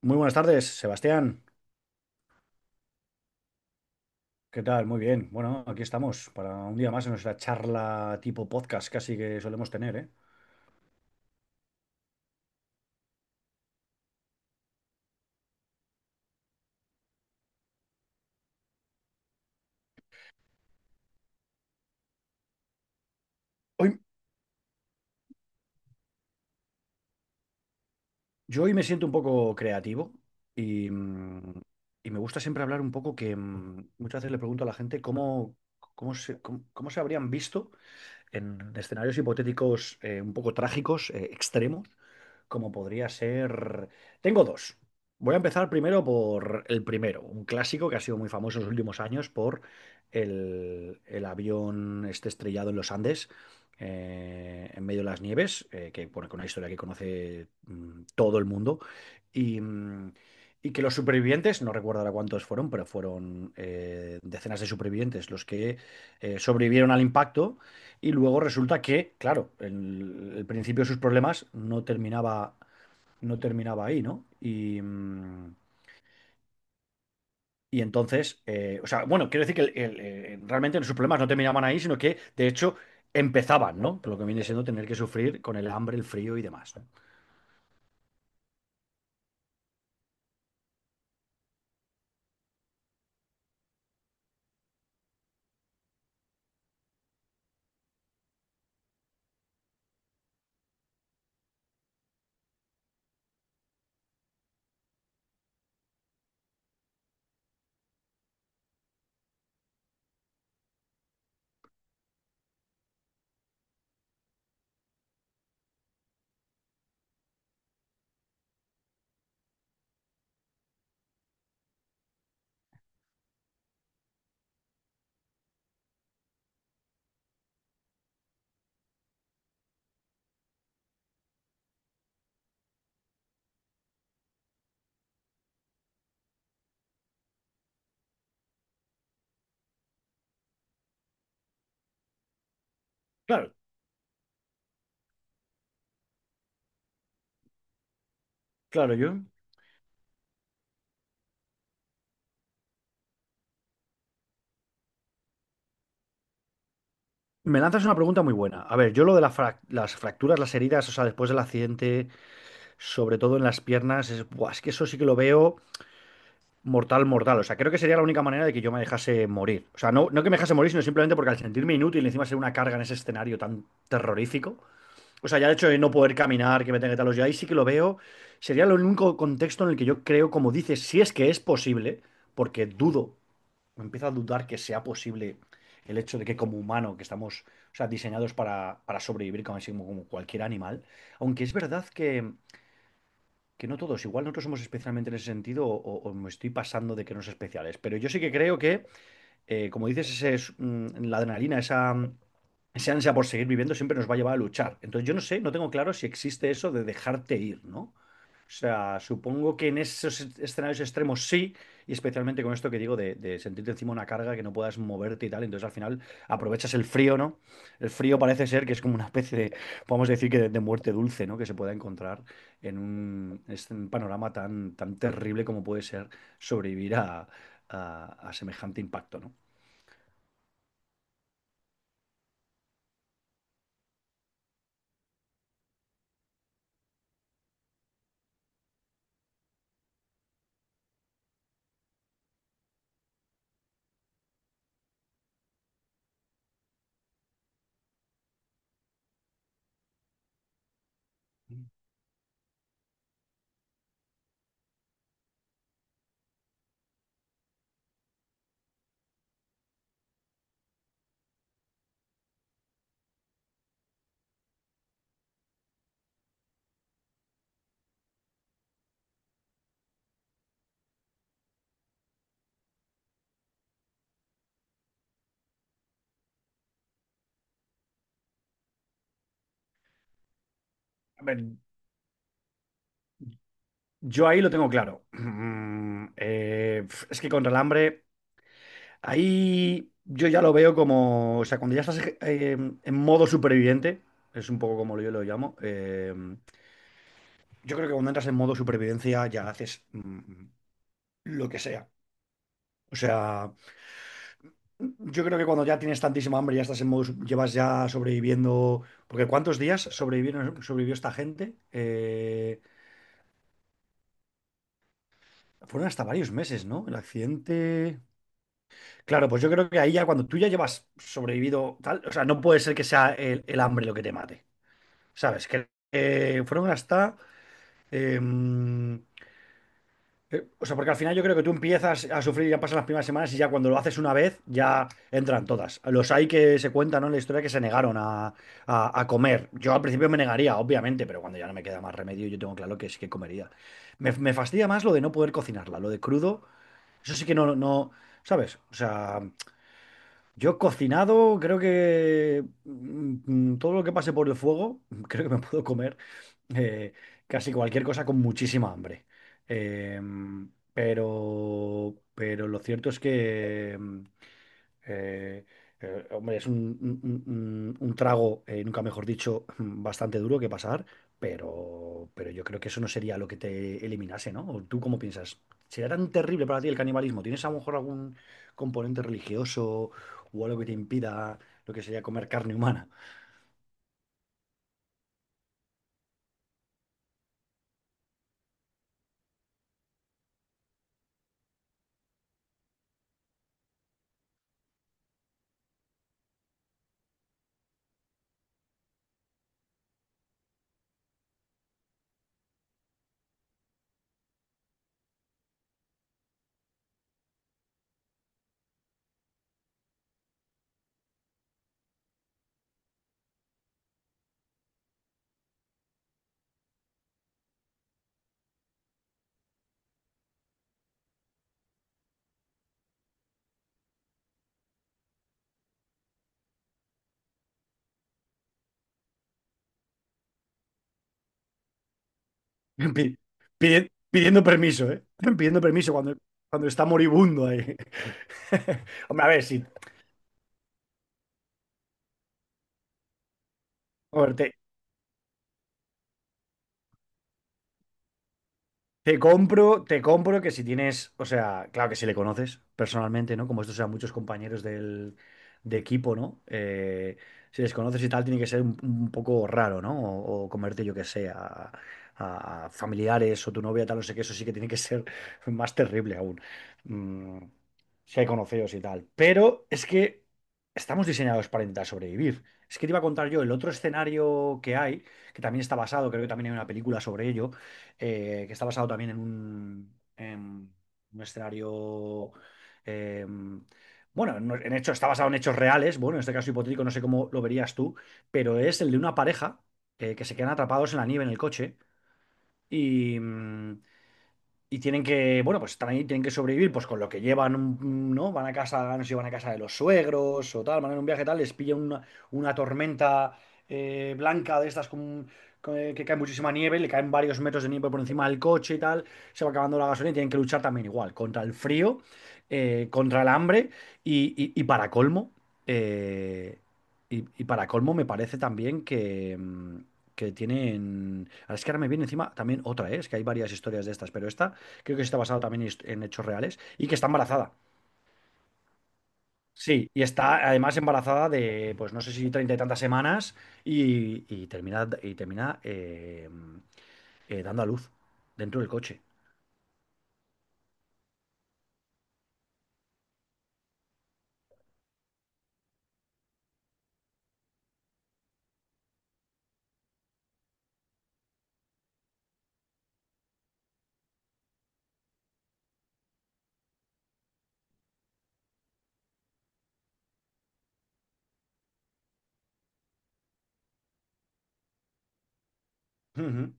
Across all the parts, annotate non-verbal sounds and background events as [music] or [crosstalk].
Muy buenas tardes, Sebastián. ¿Qué tal? Muy bien. Bueno, aquí estamos para un día más en nuestra charla tipo podcast casi que solemos tener, ¿eh? Hoy, yo hoy me siento un poco creativo y, mm, y me gusta siempre hablar un poco que muchas veces le pregunto a la gente cómo se habrían visto en escenarios hipotéticos un poco trágicos, extremos, como podría ser. Tengo dos. Voy a empezar primero por el primero, un clásico que ha sido muy famoso en los últimos años por el avión este estrellado en los Andes, en medio de las nieves, que bueno, que una historia que conoce todo el mundo. Y, mm, y que los supervivientes, no recuerdo ahora cuántos fueron, pero fueron decenas de supervivientes los que sobrevivieron al impacto y luego resulta que, claro, el principio de sus problemas no terminaba, ahí, ¿no? Y entonces, o sea, bueno, quiero decir que realmente sus problemas no terminaban ahí, sino que, de hecho, empezaban, ¿no? Por lo que viene siendo tener que sufrir con el hambre, el frío y demás, ¿no? Claro, claro, yo. Me lanzas una pregunta muy buena. A ver, yo lo de las fracturas, las heridas, o sea, después del accidente, sobre todo en las piernas, es, buah, es que eso sí que lo veo mortal, mortal. O sea, creo que sería la única manera de que yo me dejase morir. O sea, no, no que me dejase morir, sino simplemente porque al sentirme inútil, encima ser una carga en ese escenario tan terrorífico. O sea, ya el hecho de no poder caminar, que me tenga que talos, yo ahí sí que lo veo. Sería el único contexto en el que yo creo, como dices, si es que es posible, porque dudo, me empiezo a dudar que sea posible el hecho de que como humano, que estamos, o sea, diseñados para, sobrevivir como, así como cualquier animal. Aunque es verdad que no todos, igual nosotros somos especialmente en ese sentido o me estoy pasando de que no es especiales, pero yo sí que creo que como dices, la adrenalina, esa ansia por seguir viviendo siempre nos va a llevar a luchar. Entonces yo no sé, no tengo claro si existe eso de dejarte ir, ¿no? O sea, supongo que en esos escenarios extremos sí, y especialmente con esto que digo de, sentirte encima una carga que no puedas moverte y tal, entonces al final aprovechas el frío, ¿no? El frío parece ser que es como una especie podemos decir que de muerte dulce, ¿no? Que se pueda encontrar es un panorama tan, tan terrible como puede ser sobrevivir a semejante impacto, ¿no? A ver, yo ahí lo tengo claro. Es que con hambre ahí yo ya lo veo como, o sea, cuando ya estás en modo superviviente, es un poco como yo lo llamo, yo creo que cuando entras en modo supervivencia ya haces lo que sea. O sea, yo creo que cuando ya tienes tantísima hambre, ya estás en modo, llevas ya sobreviviendo, porque ¿cuántos días sobrevivieron, sobrevivió esta gente? Fueron hasta varios meses, ¿no? El accidente. Claro, pues yo creo que ahí ya cuando tú ya llevas sobrevivido tal, o sea, no puede ser que sea el hambre lo que te mate, ¿sabes? Que fueron hasta. eh, o sea, porque al final yo creo que tú empiezas a sufrir, ya pasan las primeras semanas y ya cuando lo haces una vez, ya entran todas. Los hay que se cuentan, ¿no? En la historia que se negaron a comer. Yo al principio me negaría, obviamente, pero cuando ya no me queda más remedio, yo tengo claro que sí que comería. Me fastidia más lo de no poder cocinarla, lo de crudo. Eso sí que no, no, ¿sabes? O sea. Yo he cocinado, creo que todo lo que pase por el fuego, [laughs] creo que me puedo comer eh, casi cualquier cosa con muchísima hambre. Pero lo cierto es que eh, hombre, es un trago, nunca mejor dicho, [laughs] bastante duro que pasar, pero yo creo que eso no sería lo que te eliminase, ¿no? ¿O tú cómo piensas? ¿Sería tan terrible para ti el canibalismo? ¿Tienes a lo mejor algún componente religioso o algo que te impida lo que sería comer carne humana? [laughs] Pi- Pidiendo permiso, ¿eh? [laughs] Pidiendo permiso cuando, está moribundo ahí. [laughs] Hombre, a ver, si. Te compro que si tienes, o sea, claro que si le conoces personalmente, ¿no? Como estos sean muchos compañeros de equipo, ¿no? Si les conoces y tal, tiene que ser un poco raro, ¿no? O comerte, yo que sé, a familiares o tu novia, tal, no sé qué, eso sí que tiene que ser [laughs] más terrible aún. Mm, si hay conocidos y tal. Pero es que estamos diseñados para intentar sobrevivir. Es que te iba a contar yo el otro escenario que hay, que también está basado, creo que también hay una película sobre ello que está basado también en un escenario, eh, bueno, en hecho, está basado en hechos reales, bueno, en este caso hipotético, no sé cómo lo verías tú, pero es el de una pareja que se quedan atrapados en la nieve en el coche y, mm, y tienen que, bueno, pues están ahí, tienen que sobrevivir, pues con lo que llevan, ¿no? Van a casa, no sé si van a casa de los suegros o tal, van en un viaje tal, les pilla una tormenta blanca de estas que cae muchísima nieve, le caen varios metros de nieve por encima del coche y tal, se va acabando la gasolina y tienen que luchar también igual, contra el frío, contra el hambre y, y- y para colmo, eh, y para colmo me parece también que tienen. Ahora es que ahora me viene encima también otra, ¿eh? Es que hay varias historias de estas, pero esta creo que está basado también en hechos reales, y que está embarazada. Sí, y está además embarazada de, pues no sé si treinta y tantas semanas, y termina dando a luz dentro del coche. Ujú.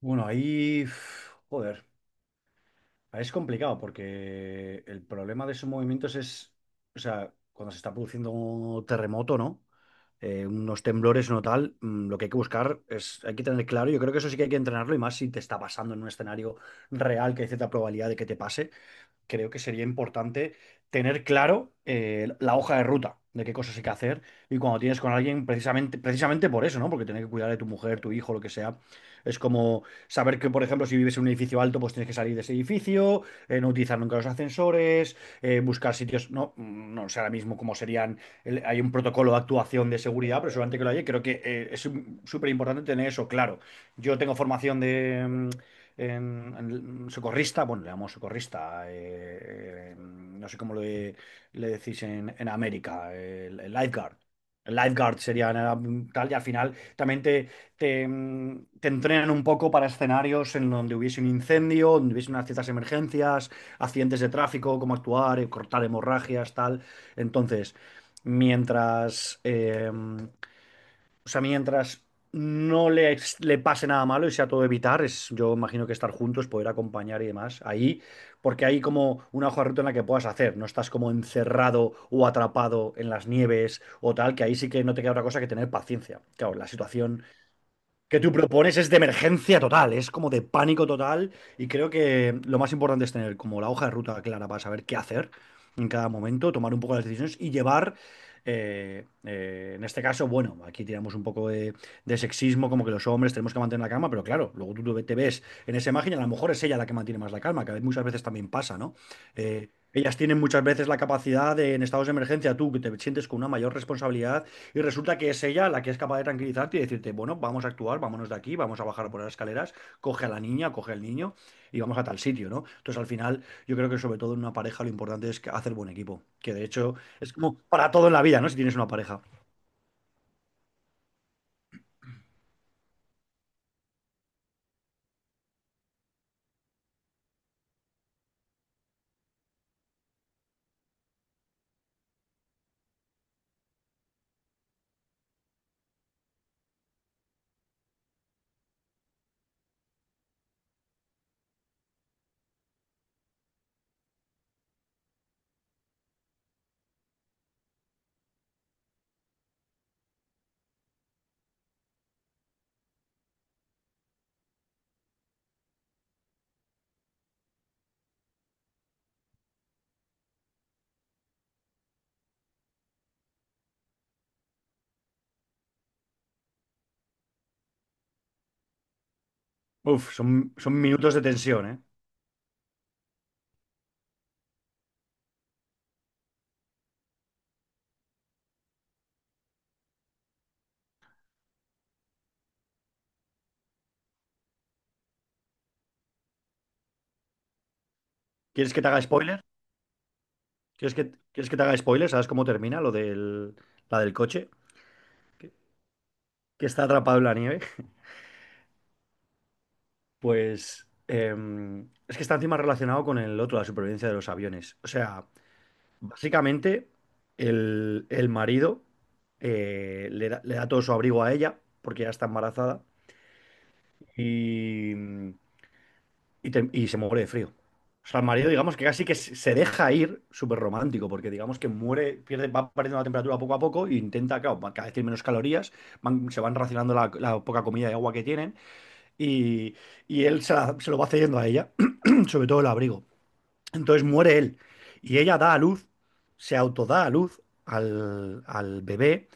Bueno, ahí, uf, joder. Ah, es complicado porque el problema de esos movimientos es, o sea, cuando se está produciendo un terremoto, ¿no? Unos temblores, no tal, lo que hay que buscar es, hay que tener claro, yo creo que eso sí que hay que entrenarlo y más si te está pasando en un escenario real que hay cierta probabilidad de que te pase, creo que sería importante tener claro la hoja de ruta de qué cosas hay que hacer y cuando tienes con alguien precisamente, precisamente por eso, ¿no? Porque tener que cuidar de tu mujer, tu hijo, lo que sea. Es como saber que, por ejemplo, si vives en un edificio alto, pues tienes que salir de ese edificio, no utilizar nunca los ascensores, buscar sitios, no sé ahora mismo cómo serían, hay un protocolo de actuación de seguridad, pero seguramente que lo hay, creo que es súper importante tener eso claro. Yo tengo formación en socorrista, bueno, le llamamos socorrista, no sé cómo le decís en América, el lifeguard. El lifeguard sería nada, tal, y al final también te entrenan un poco para escenarios en donde hubiese un incendio, donde hubiese unas ciertas emergencias, accidentes de tráfico, cómo actuar, cortar hemorragias, tal. Entonces, mientras o sea, mientras no le pase nada malo y sea todo evitar, es, yo imagino que estar juntos, poder acompañar y demás. Ahí, porque hay como una hoja de ruta en la que puedas hacer, no estás como encerrado o atrapado en las nieves o tal, que ahí sí que no te queda otra cosa que tener paciencia. Claro, la situación que tú propones es de emergencia total, es como de pánico total y creo que lo más importante es tener como la hoja de ruta clara para saber qué hacer en cada momento, tomar un poco las decisiones y llevar, en este caso, bueno, aquí tiramos un poco de sexismo, como que los hombres tenemos que mantener la calma, pero claro, luego tú te ves en esa imagen y a lo mejor es ella la que mantiene más la calma, que muchas veces también pasa, ¿no? Ellas tienen muchas veces la capacidad de, en estados de emergencia, tú que te sientes con una mayor responsabilidad, y resulta que es ella la que es capaz de tranquilizarte y decirte, bueno, vamos a actuar, vámonos de aquí, vamos a bajar por las escaleras, coge a la niña, coge al niño y vamos a tal sitio, ¿no? Entonces al final yo creo que sobre todo en una pareja lo importante es hacer buen equipo, que de hecho es como para todo en la vida, ¿no? Si tienes una pareja. Uf, son minutos de tensión, ¿eh? ¿Quieres que te haga spoiler? ¿Quieres que te haga spoiler? ¿Sabes cómo termina lo del, la del coche? Que, que está atrapado en la nieve. Pues es que está encima relacionado con el otro, la supervivencia de los aviones. O sea... Básicamente, el marido le da todo su abrigo a ella, porque ya está embarazada, y, y se muere de frío. O sea, el marido, digamos que casi que se deja ir, súper romántico, porque digamos que muere, pierde, va perdiendo la temperatura poco a poco e intenta, claro, cada vez tiene menos calorías, se van racionando la poca comida y agua que tienen, y, y él se lo va cediendo a ella, [clears throat] sobre todo el abrigo. Entonces muere él y ella da a luz, se autoda a luz al bebé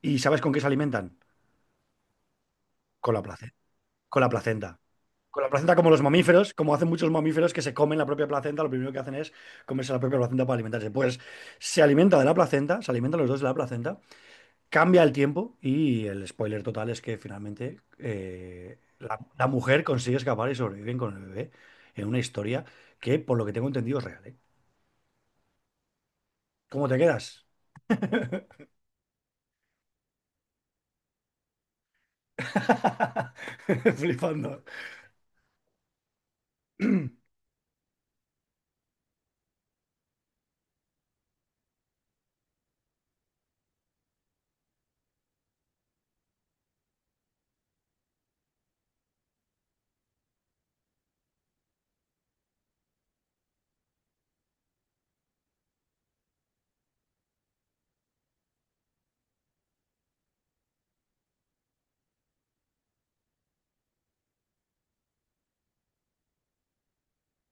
y ¿sabes con qué se alimentan? Con la placenta, con la placenta. Con la placenta como los mamíferos, como hacen muchos mamíferos que se comen la propia placenta, lo primero que hacen es comerse la propia placenta para alimentarse. Pues se alimenta de la placenta, se alimentan los dos de la placenta, cambia el tiempo y el spoiler total es que finalmente la mujer consigue escapar y sobreviven con el bebé en una historia que por lo que tengo entendido es real, ¿eh? ¿Cómo te quedas? [laughs] Flipando.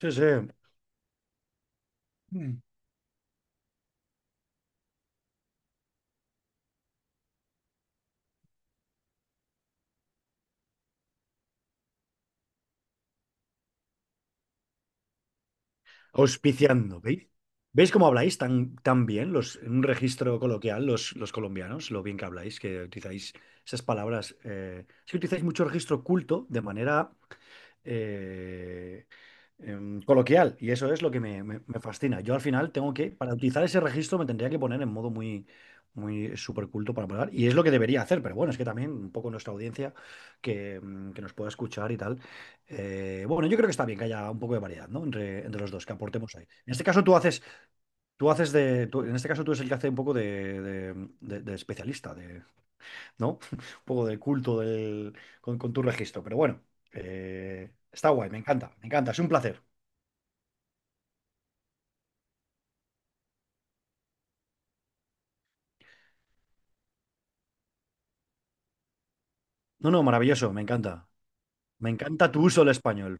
Sí, sí. Mm. Auspiciando, ¿veis? ¿Veis cómo habláis tan bien los, en un registro coloquial los colombianos? Lo bien que habláis, que utilizáis esas palabras. Es Utilizáis mucho registro culto de manera eh, coloquial y eso es lo que me, me fascina. Yo al final tengo que, para utilizar ese registro me tendría que poner en modo muy, muy súper culto para hablar y es lo que debería hacer, pero bueno, es que también un poco nuestra audiencia que, que nos pueda escuchar y tal. Bueno, yo creo que está bien que haya un poco de variedad, ¿no? Entre los dos, que aportemos ahí. En este caso tú haces de, en este caso tú eres el que hace un poco de, de especialista, de, ¿no? [laughs] Un poco de culto con tu registro, pero bueno. Está guay, me encanta, es un placer. No, no, maravilloso, me encanta. Me encanta tu uso del español.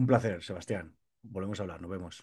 Un placer, Sebastián. Volvemos a hablar, nos vemos.